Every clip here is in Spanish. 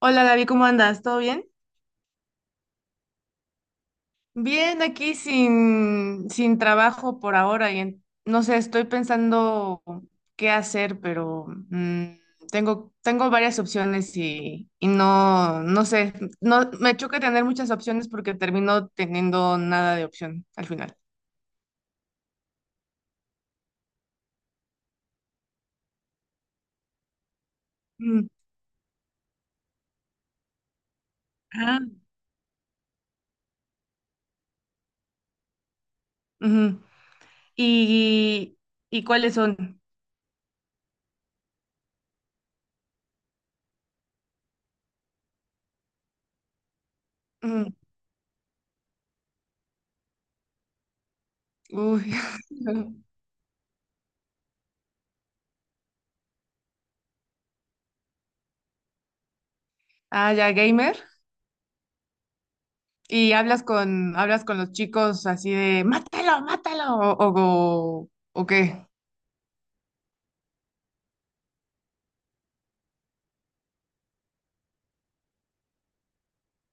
Hola Gaby, ¿cómo andas? ¿Todo bien? Bien, aquí sin trabajo por ahora no sé, estoy pensando qué hacer, pero tengo varias opciones y no sé, no, me choca tener muchas opciones porque termino teniendo nada de opción al final. Mm, ah, ujú. ¿Y, y cuáles son? Mm, uy. Ah, ya, gamer. Y hablas con los chicos así de, mátalo, mátalo, o qué.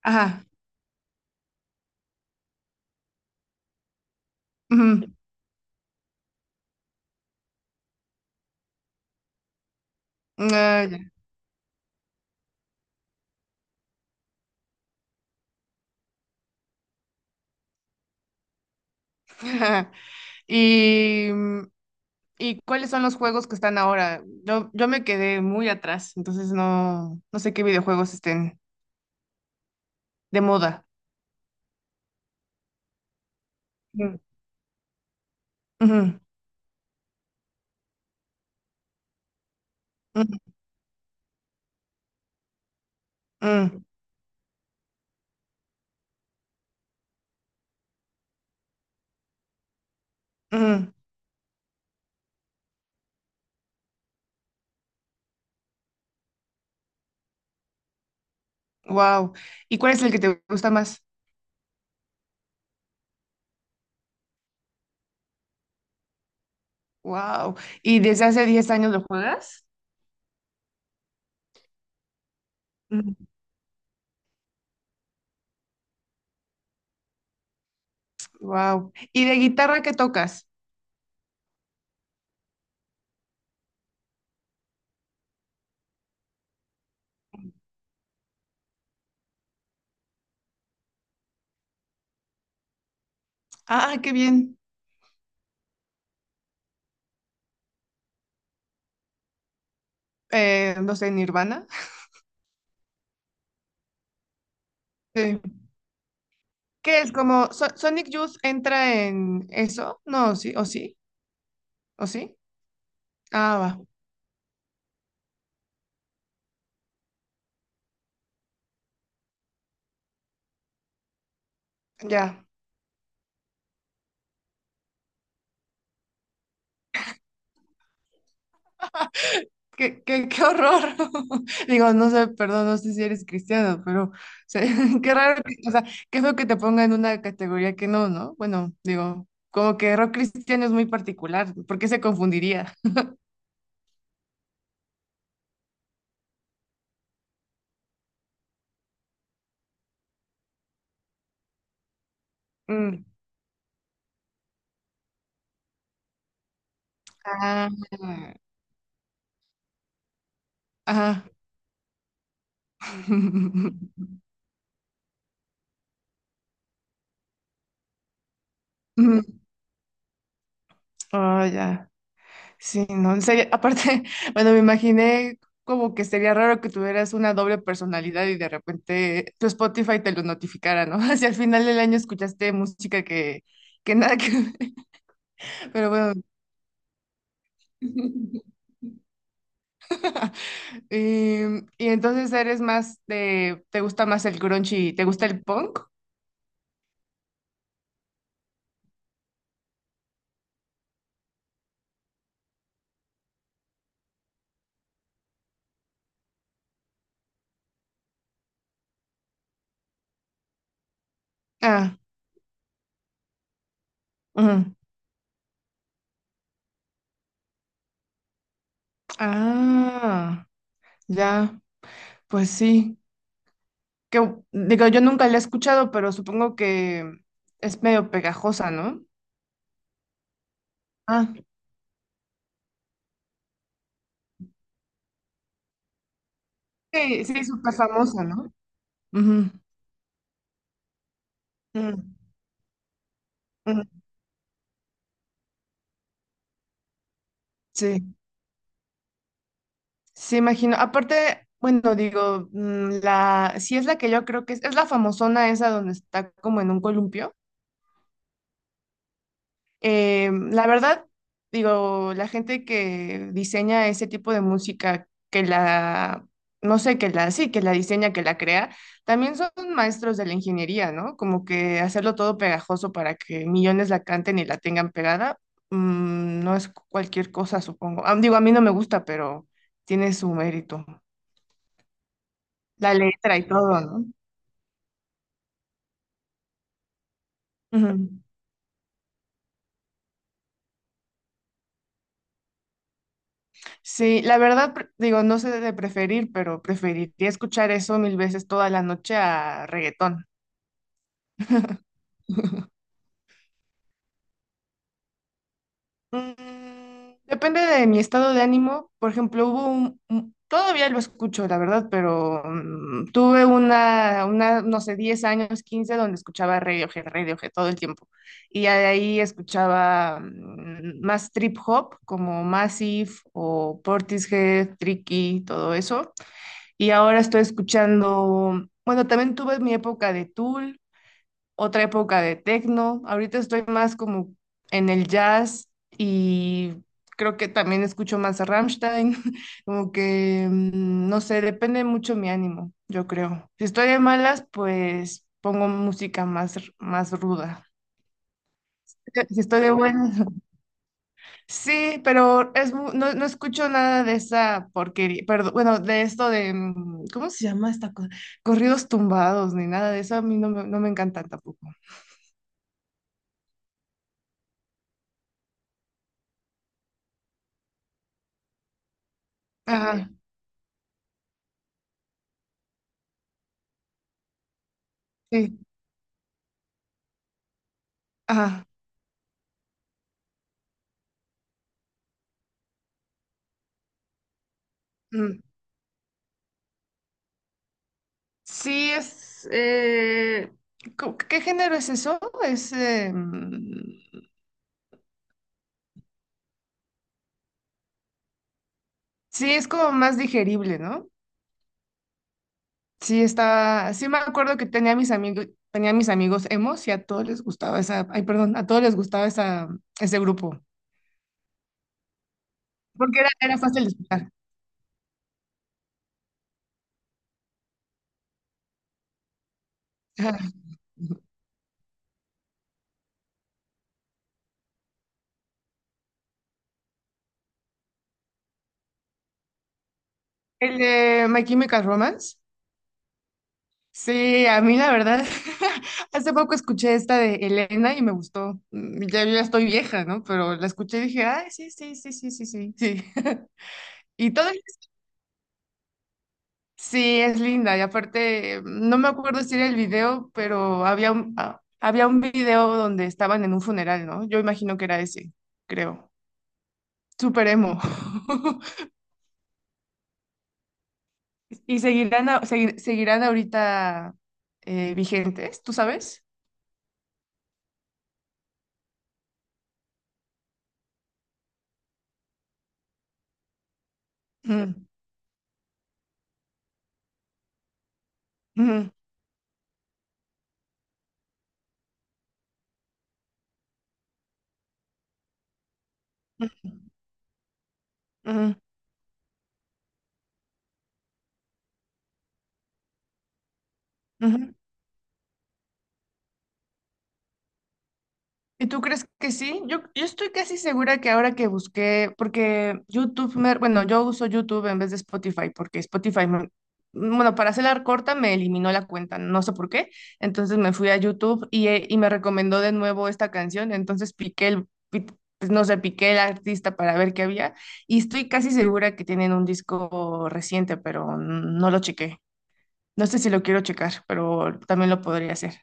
Ajá. Ujú, ah, ya. Y, ¿Y cuáles son los juegos que están ahora? Yo me quedé muy atrás, entonces no sé qué videojuegos estén de moda. Mm, ujú, mm, mm, mm. Wow. ¿Y cuál es el que te gusta más? Wow. ¿Y desde hace 10 años lo juegas? Wow. ¿Y de guitarra qué tocas? Ah, qué bien. No sé, Nirvana. Sí. ¿Qué es? Como Sonic Youth entra en eso. No, sí, o sí, o sí. Ah, va, ya. Qué horror. Digo, no sé, perdón, no sé si eres cristiano, pero o sea, qué raro, o sea, qué feo que te ponga en una categoría que no, ¿no? Bueno, digo, como que rock cristiano es muy particular, ¿por qué se confundiría? Mm. Ah, ajá. Mm. Oh, ya. Sí, no, sería, aparte, bueno, me imaginé como que sería raro que tuvieras una doble personalidad y de repente tu Spotify te lo notificara, ¿no? Si al final del año escuchaste música que nada que ver, pero bueno. Y, y entonces eres más de, ¿te gusta más el grunge y te gusta el punk? Ah, ujú. Ah, ya, pues sí. Que, digo, yo nunca la he escuchado, pero supongo que es medio pegajosa, ¿no? Sí, sí, súper famosa, ¿no? Ujú. Mm, mm, sí, sí, imagino. Aparte, bueno, digo, sí es la que yo creo que es la famosona esa donde está como en un columpio. La verdad, digo, la gente que diseña ese tipo de música, que la, no sé, que la, sí, que la diseña, que la crea, también son maestros de la ingeniería, ¿no? Como que hacerlo todo pegajoso para que millones la canten y la tengan pegada, no es cualquier cosa, supongo. Ah, digo, a mí no me gusta, pero tiene su mérito. La letra y todo, no. Ujú. Sí, la verdad, digo, no sé de preferir, pero preferiría escuchar eso mil veces toda la noche a reggaetón. Mm, depende de mi estado de ánimo. Por ejemplo, todavía lo escucho, la verdad, pero tuve una, no sé, 10 años, 15 donde escuchaba Radiohead, Radiohead todo el tiempo. Y ya de ahí escuchaba más trip hop, como Massive o Portishead, Tricky, todo eso. Y ahora estoy escuchando, bueno, también tuve mi época de Tool, otra época de techno. Ahorita estoy más como en el jazz y creo que también escucho más a Rammstein. Como que, no sé, depende mucho mi ánimo, yo creo. Si estoy de malas, pues pongo música más, más ruda. Si estoy de buenas, sí, pero no, escucho nada de esa porquería, perdón, bueno, de esto de, ¿cómo se llama esta cosa? Corridos tumbados, ni nada de eso, a mí no me encantan tampoco. Ajá, sí, ajá. Mm. Sí, ¿qué género es eso? Sí, es como más digerible, ¿no? Sí, está, sí me acuerdo que tenía mis amigos emos y a todos les gustaba esa, ay, perdón, a todos les gustaba esa, ese grupo. Porque era fácil de escuchar. Ajá. El de My Chemical Romance. Sí, a mí la verdad, hace poco escuché esta de Elena y me gustó. Ya yo ya estoy vieja, ¿no? Pero la escuché y dije, ay, sí, sí, sí, sí, sí, sí, sí. Y todo, sí, es linda. Y aparte, no me acuerdo si era el video, pero había un video donde estaban en un funeral, ¿no? Yo imagino que era ese, creo. Súper emo. ¿Y seguirán, seguirán ahorita vigentes? ¿Tú sabes? Mm, ujú, ujú, ujú. ¿Y tú crees que sí? Yo estoy casi segura que ahora que busqué, porque YouTube, bueno, yo uso YouTube en vez de Spotify, porque Spotify, bueno, para hacer la corta me eliminó la cuenta, no sé por qué. Entonces me fui a YouTube y me recomendó de nuevo esta canción. Entonces pues, no sé, piqué el artista para ver qué había. Y estoy casi segura que tienen un disco reciente, pero no lo chequé. No sé si lo quiero checar, pero también lo podría hacer.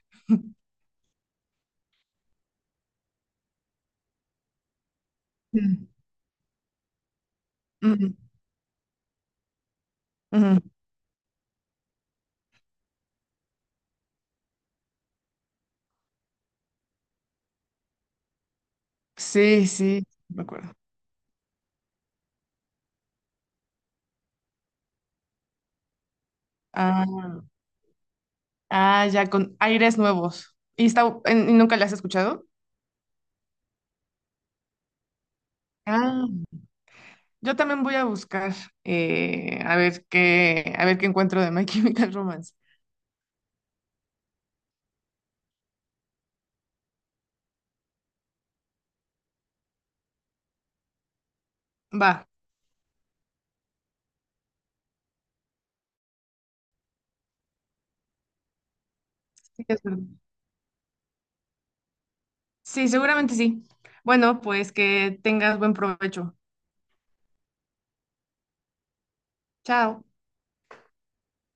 Ujú, ujú. Sí, sí, me acuerdo. Ah, ah, ya, con aires nuevos. ¿Y nunca la has escuchado? Ah, yo también voy a buscar a ver qué encuentro de My Chemical Romance. Va. Sí, es verdad. Sí, seguramente sí. Bueno, pues que tengas buen provecho. Chao.